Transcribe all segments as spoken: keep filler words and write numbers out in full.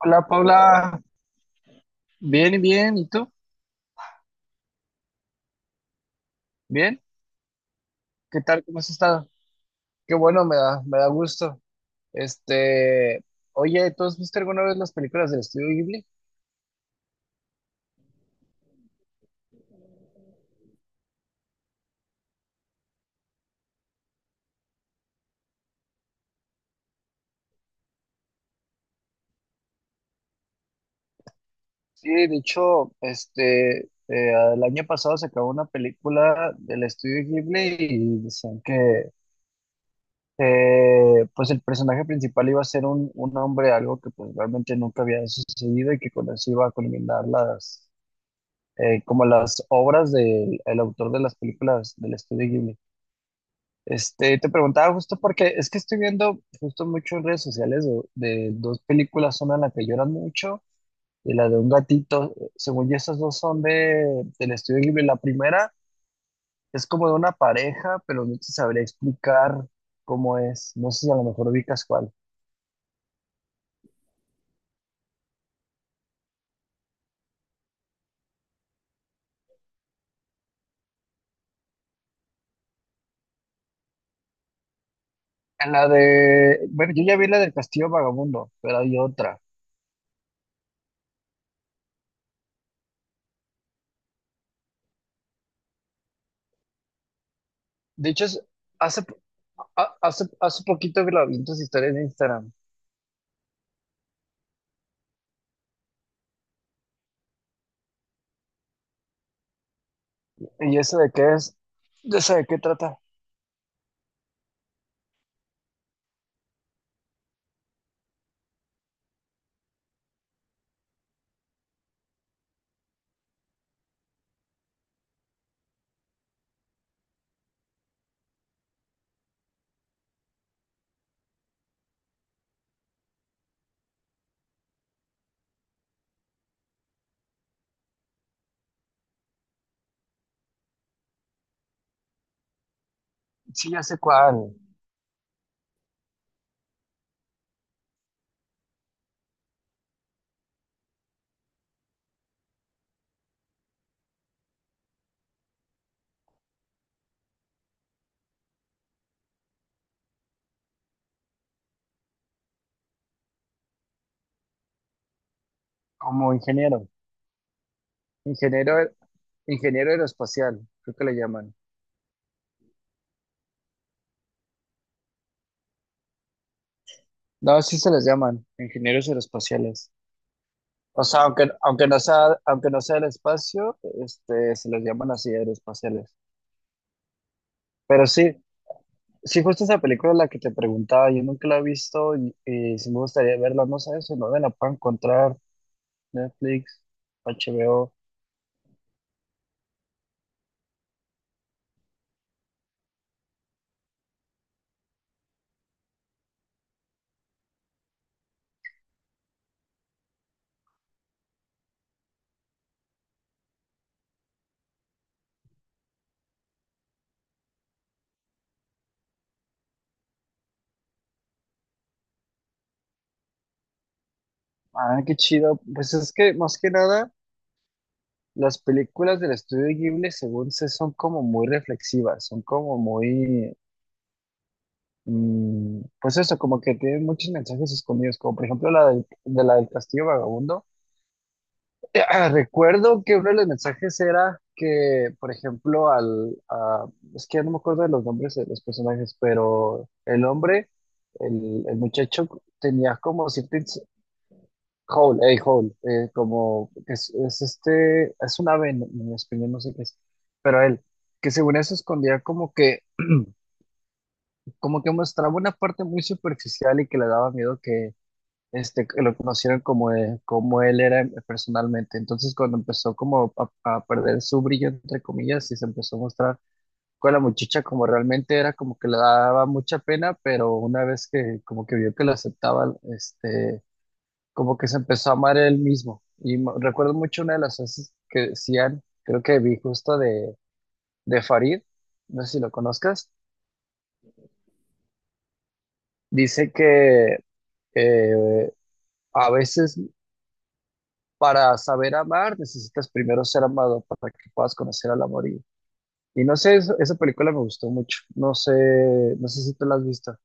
Hola Paula, bien y bien, ¿y tú? ¿Bien? ¿Qué tal? ¿Cómo has estado? Qué bueno, me da, me da gusto. Este, Oye, ¿tú has visto alguna vez las películas del estudio Ghibli? Sí, de hecho, este, eh, el año pasado se acabó una película del estudio Ghibli y decían que, eh, pues el personaje principal iba a ser un, un hombre, algo que pues realmente nunca había sucedido y que con eso iba a culminar las, eh, como las obras del el autor de las películas del estudio Ghibli. Este, te preguntaba justo porque es que estoy viendo justo mucho en redes sociales de, de dos películas, una en la que lloran mucho y la de un gatito. Según yo, esas dos son de, del estudio Ghibli. La primera es como de una pareja, pero no te sabría explicar cómo es. No sé si a lo mejor ubicas cuál. En la de, bueno, yo ya vi la del Castillo Vagabundo, pero hay otra. De hecho, es- hace, a- hace, hace poquito que la vi en tus historias de Instagram. ¿Y eso de qué es? ¿De eso de qué trata? Sí, ya sé cuál. Como ingeniero, ingeniero, ingeniero aeroespacial, creo que le llaman. No, sí se les llaman, ingenieros aeroespaciales. O sea, aunque, aunque no sea, aunque no sea el espacio, este, se les llaman así aeroespaciales. Pero sí, sí justo esa película de la que te preguntaba, yo nunca la he visto y, y sí me gustaría verla, no sé si no me la puedo encontrar, Netflix, H B O. Ah, qué chido. Pues es que más que nada, las películas del estudio Ghibli, según sé, son como muy reflexivas, son como muy mm, pues eso, como que tiene muchos mensajes escondidos, como por ejemplo la del- de la del Castillo Vagabundo. Eh, Ah, Recuerdo que uno de los mensajes era que, por ejemplo, al, a- es que ya no me acuerdo de los nombres de los personajes, pero el hombre, el, el muchacho tenía como cierto ins- Howl, hey, Howl, eh, como que es, es este, es un ave en, en español, no sé qué es, pero él, que según eso escondía como que como que mostraba una parte muy superficial y que le daba miedo que este que lo conocieran como, eh, como él era personalmente. Entonces cuando empezó como a, a perder su brillo, entre comillas, y se empezó a mostrar con la muchacha como realmente era, como que le daba mucha pena, pero una vez que como que vio que lo aceptaba, este, como que se empezó a amar él mismo. Y mo- recuerdo mucho una de las frases que decían, creo que vi justo de, de Farid, no sé si lo conozcas, dice que eh, a veces para saber amar necesitas primero ser amado para que puedas conocer al amor. Y, y no sé, eso- esa película me gustó mucho. No sé, no sé si tú la has visto.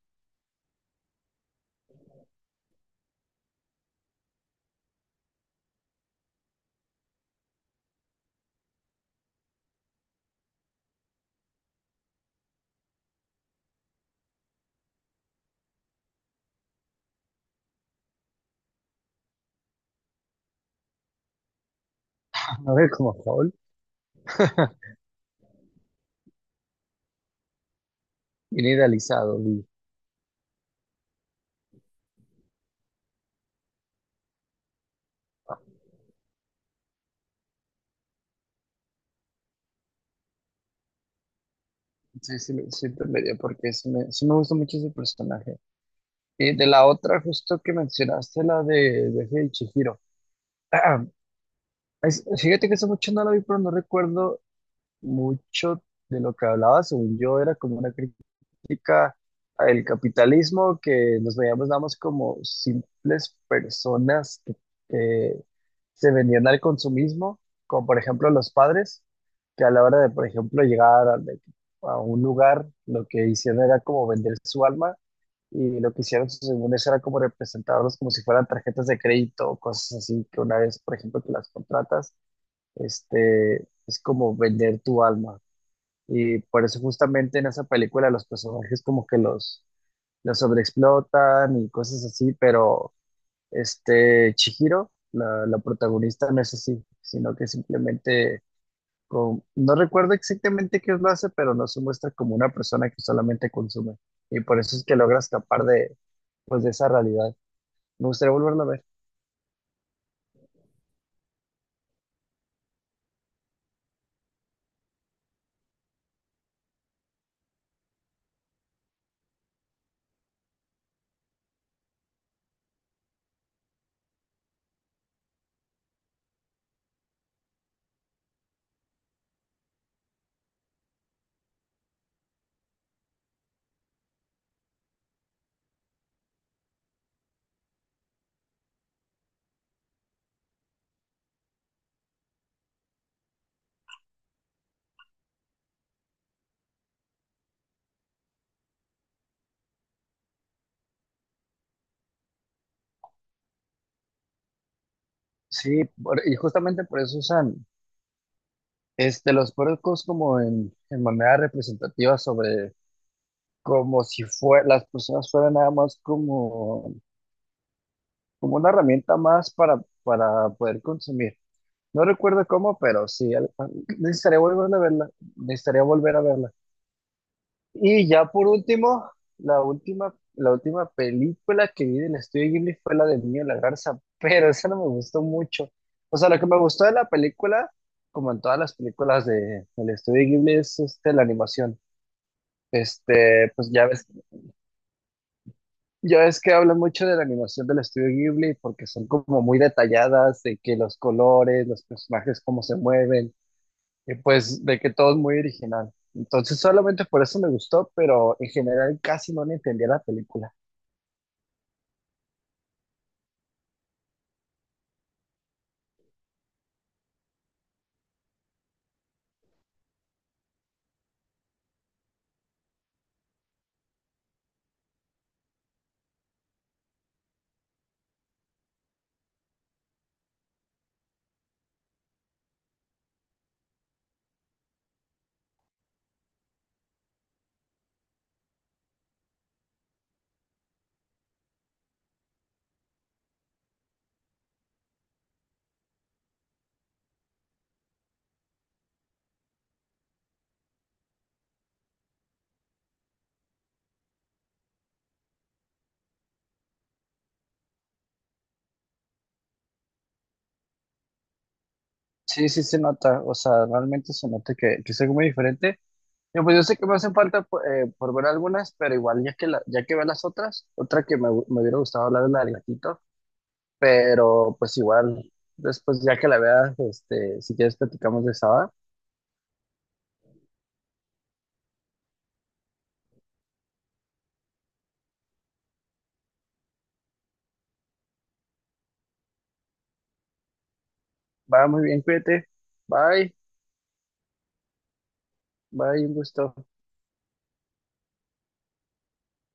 No ve como Paul, bien idealizado. Y, sí, sí, me- sí te medio porque sí me, sí me gustó mucho ese personaje. Y de la otra, justo que mencionaste, la de Viaje de Chihiro. Es- fíjate que hace mucho no la vi, pero no recuerdo mucho de lo que hablaba, según yo, era como una crítica al capitalismo, que nos veíamos nada más como simples personas que, que se vendían al consumismo, como por ejemplo los padres, que a la hora de, por ejemplo, llegar a, a un lugar, lo que hicieron era como vender su alma, y lo que hicieron, según eso, era como representarlos como si fueran tarjetas de crédito o cosas así, que una vez, por ejemplo, que las contratas este, es como vender tu alma. Y por eso justamente en esa película los personajes como que los, los sobreexplotan y cosas así, pero este Chihiro, la, la protagonista, no es así, sino que simplemente, con, no recuerdo exactamente qué es lo hace, pero no se muestra como una persona que solamente consume. Y por eso es que logra escapar de, pues, de esa realidad. Me gustaría volverla a ver. Sí, por- y justamente por eso usan Este, los puercos como en, en manera representativa sobre como si fue, las personas fueran nada más como, como una herramienta más para, para poder consumir. No recuerdo cómo, pero sí, al- al- necesitaría volver a verla, necesitaría volver a verla. Y ya por último, la última, la última película que vi del estudio Ghibli fue la del Niño y la Garza, pero esa no me gustó mucho. O sea, lo que me gustó de la película como en todas las películas de, del estudio Ghibli es este, la animación. Este, pues ya ves, ya ves que hablan mucho de la animación del estudio Ghibli porque son como muy detalladas, de que los colores, los personajes, cómo se mueven, y pues de que todo es muy original. Entonces solamente por eso me gustó, pero en general casi no le entendía la película. Sí, sí se nota, o sea, realmente se nota que, que es algo muy diferente. Yo, pues yo sé que me hacen falta pu- eh, por ver algunas, pero igual ya que, la- ya que veo las otras, otra que me, hu- me hubiera gustado hablar es la del gatito, pero pues igual, después ya que la veas, este, si quieres platicamos de esa, va. Va, muy bien, cuídate. Bye, bye, un gusto.